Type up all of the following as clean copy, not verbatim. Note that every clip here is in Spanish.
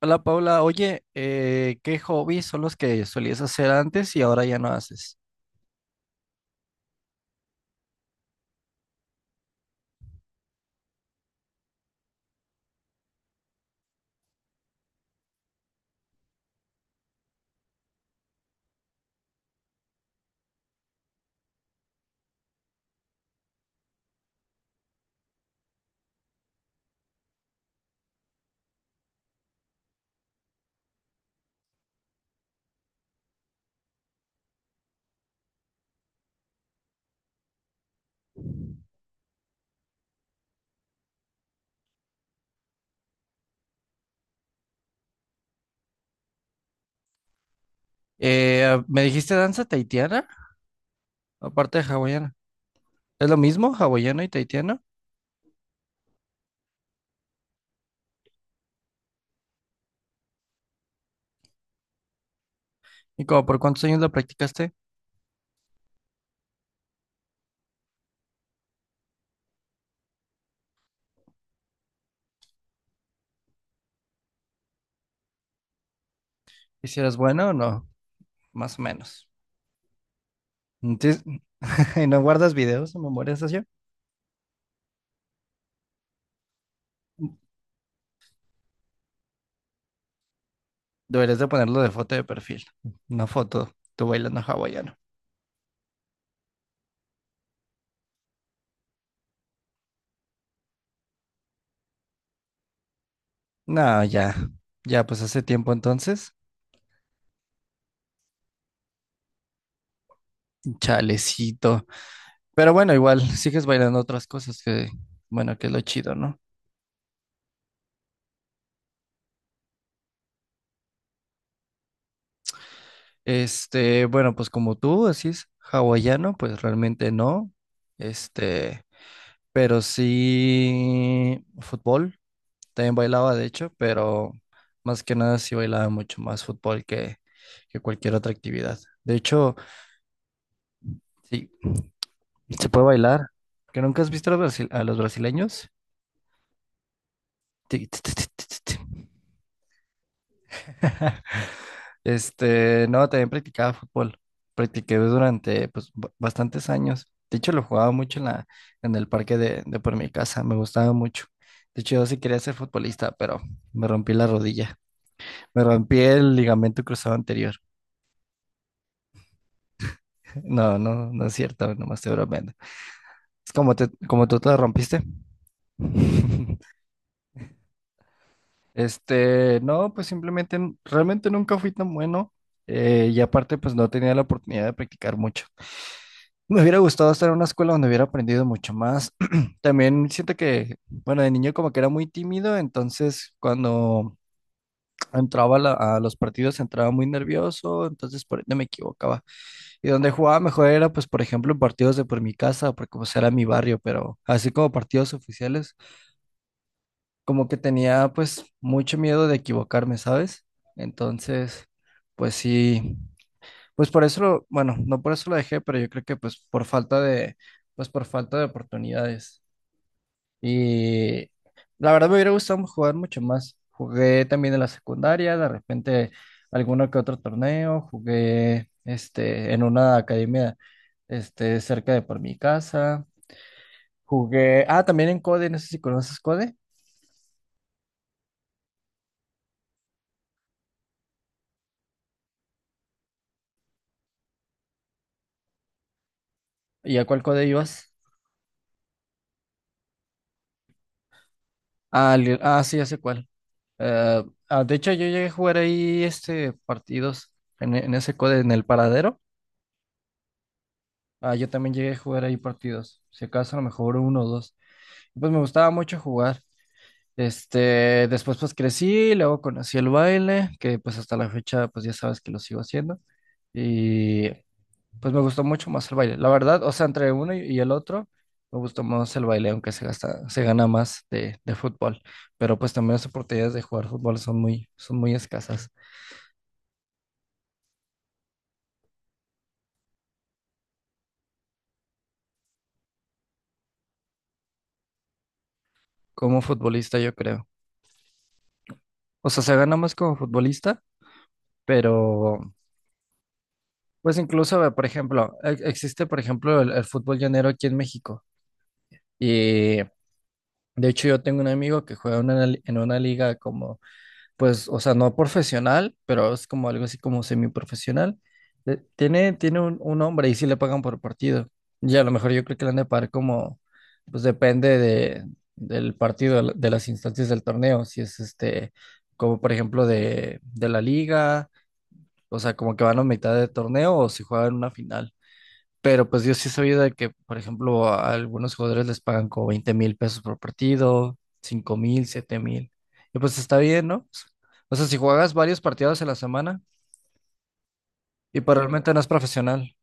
Hola Paula, oye, ¿qué hobbies son los que solías hacer antes y ahora ya no haces? ¿Me dijiste danza tahitiana? Aparte de hawaiana. ¿Es lo mismo, hawaiano y tahitiano? ¿Y como por cuántos años lo practicaste? ¿Y si eras buena o no? Más o menos. Entonces, ¿y no guardas videos o memorias así? Deberías de ponerlo de foto de perfil. Una foto, tú bailando hawaiano. No, ya, ya, pues hace tiempo entonces. Chalecito. Pero bueno, igual sigues bailando otras cosas que, bueno, que es lo chido, ¿no? Este, bueno, pues como tú decís, hawaiano, pues realmente no. Este, pero sí fútbol. También bailaba, de hecho, pero más que nada sí bailaba mucho más fútbol que cualquier otra actividad. De hecho, sí, se puede bailar. ¿Que nunca has visto a los, a los brasileños? Tic, tic, tic, tic, tic, tic. Este, no, también practicaba fútbol. Practiqué durante pues, bastantes años. De hecho, lo jugaba mucho en la, en el parque de por mi casa. Me gustaba mucho. De hecho, yo sí quería ser futbolista, pero me rompí la rodilla. Me rompí el ligamento cruzado anterior. No, no, no es cierto, nomás te bromeando. Es como, te, como tú te lo rompiste. Este, no, pues simplemente realmente nunca fui tan bueno, y aparte pues no tenía la oportunidad de practicar mucho. Me hubiera gustado estar en una escuela donde hubiera aprendido mucho más. También siento que, bueno, de niño como que era muy tímido, entonces cuando entraba a a los partidos entraba muy nervioso, entonces por ende me equivocaba. Y donde jugaba mejor era pues por ejemplo en partidos de por mi casa, porque pues era mi barrio, pero así como partidos oficiales como que tenía pues mucho miedo de equivocarme, ¿sabes? Entonces, pues sí, pues por eso, bueno, no por eso lo dejé, pero yo creo que pues por falta de, pues por falta de oportunidades. Y la verdad me hubiera gustado jugar mucho más. Jugué también en la secundaria, de repente alguno que otro torneo, jugué este en una academia este cerca de por mi casa. Jugué, ah, también en CODE, no sé si conoces CODE. ¿Y a cuál CODE ibas? Ah, ah, sí, ya sé cuál. Eh, ah, de hecho, yo llegué a jugar ahí este partidos en, en ese code, en el paradero. Ah, yo también llegué a jugar ahí partidos. Si acaso, a lo mejor uno o dos. Pues me gustaba mucho jugar. Este, después pues crecí, luego conocí el baile, que pues hasta la fecha pues ya sabes que lo sigo haciendo. Y pues me gustó mucho más el baile. La verdad, o sea, entre uno y el otro, me gustó más el baile, aunque se gasta, se gana más de fútbol. Pero pues también las oportunidades de jugar fútbol son muy escasas. Como futbolista, yo creo. O sea, se gana más como futbolista, pero pues incluso, por ejemplo, existe, por ejemplo, el fútbol llanero aquí en México. Y de hecho yo tengo un amigo que juega en una en una liga como pues, o sea, no profesional, pero es como algo así como semiprofesional. Tiene, tiene un hombre y sí le pagan por partido. Y a lo mejor yo creo que le han de pagar como, pues depende de, del partido, de las instancias del torneo, si es este, como por ejemplo de la liga, o sea, como que van a mitad de torneo o si juegan una final. Pero pues yo sí he sabido de que, por ejemplo, a algunos jugadores les pagan como 20,000 pesos por partido, 5,000, 7,000. Y pues está bien, ¿no? O sea, si juegas varios partidos en la semana y pues realmente no es profesional,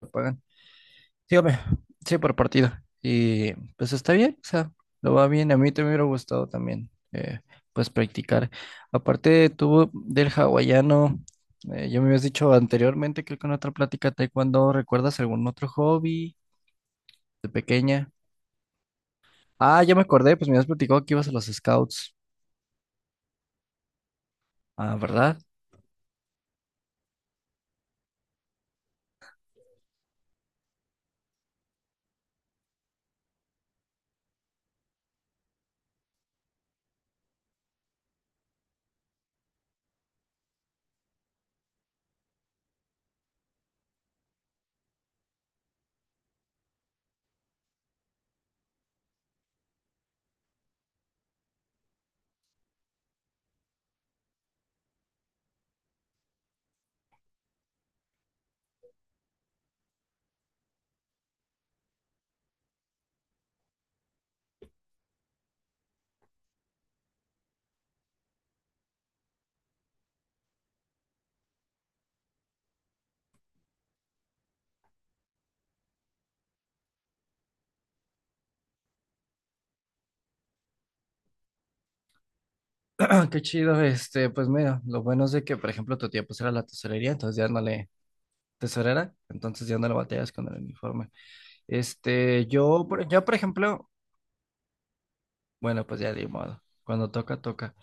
te pagan. Dígame, sí, por partido. Y pues está bien, o sea, lo va bien. A mí te me hubiera gustado también, pues practicar. Aparte, tú del hawaiano, yo me habías dicho anteriormente, creo que en otra plática, taekwondo, ¿recuerdas algún otro hobby de pequeña? Ah, ya me acordé, pues me habías platicado que ibas a los scouts. Ah, ¿verdad? Qué chido, este, pues mira, lo bueno es de que, por ejemplo, tu tía pues era la tesorería, entonces ya no le, tesorera, entonces ya no le batallas con el uniforme. Este, yo, ya por ejemplo, bueno, pues ya de modo, cuando toca, toca.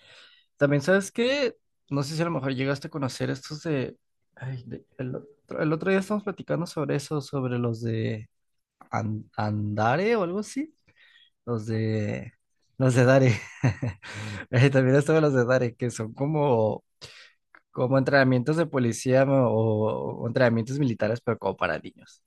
También, ¿sabes qué? No sé si a lo mejor llegaste a conocer estos de, ay, el otro día estamos platicando sobre eso, sobre los de Andare o algo así. Los de. Los de Dare. También estaban los de Dare, que son como, como entrenamientos de policía o entrenamientos militares, pero como para niños.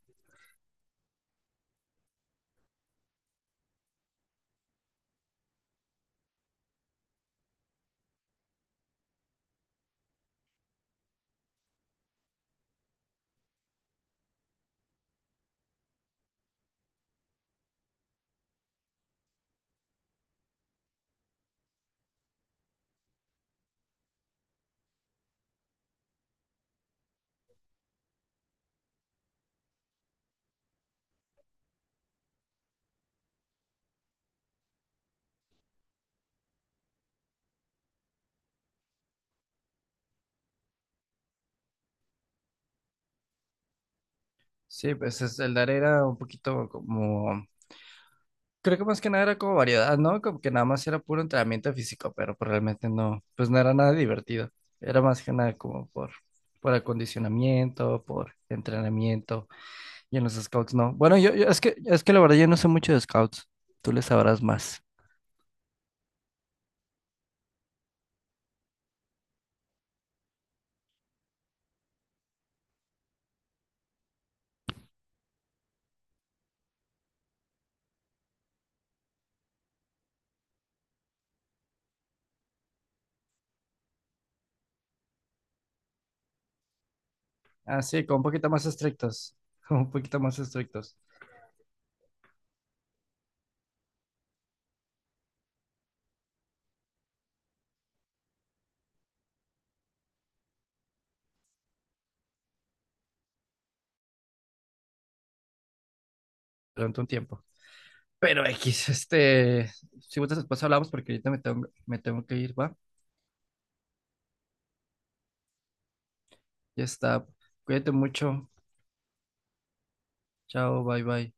Sí, pues el Dare era un poquito como. Creo que más que nada era como variedad, ¿no? Como que nada más era puro entrenamiento físico, pero pues realmente no, pues no era nada divertido. Era más que nada como por acondicionamiento, por entrenamiento. Y en los scouts no. Bueno, es que la verdad yo no sé mucho de scouts. Tú le sabrás más. Así, como un poquito más estrictos, como un poquito más estrictos durante un tiempo. Pero X, este, si gustas después hablamos porque ahorita me tengo que ir, ¿va? Ya está. Cuídate mucho. Chao, bye bye.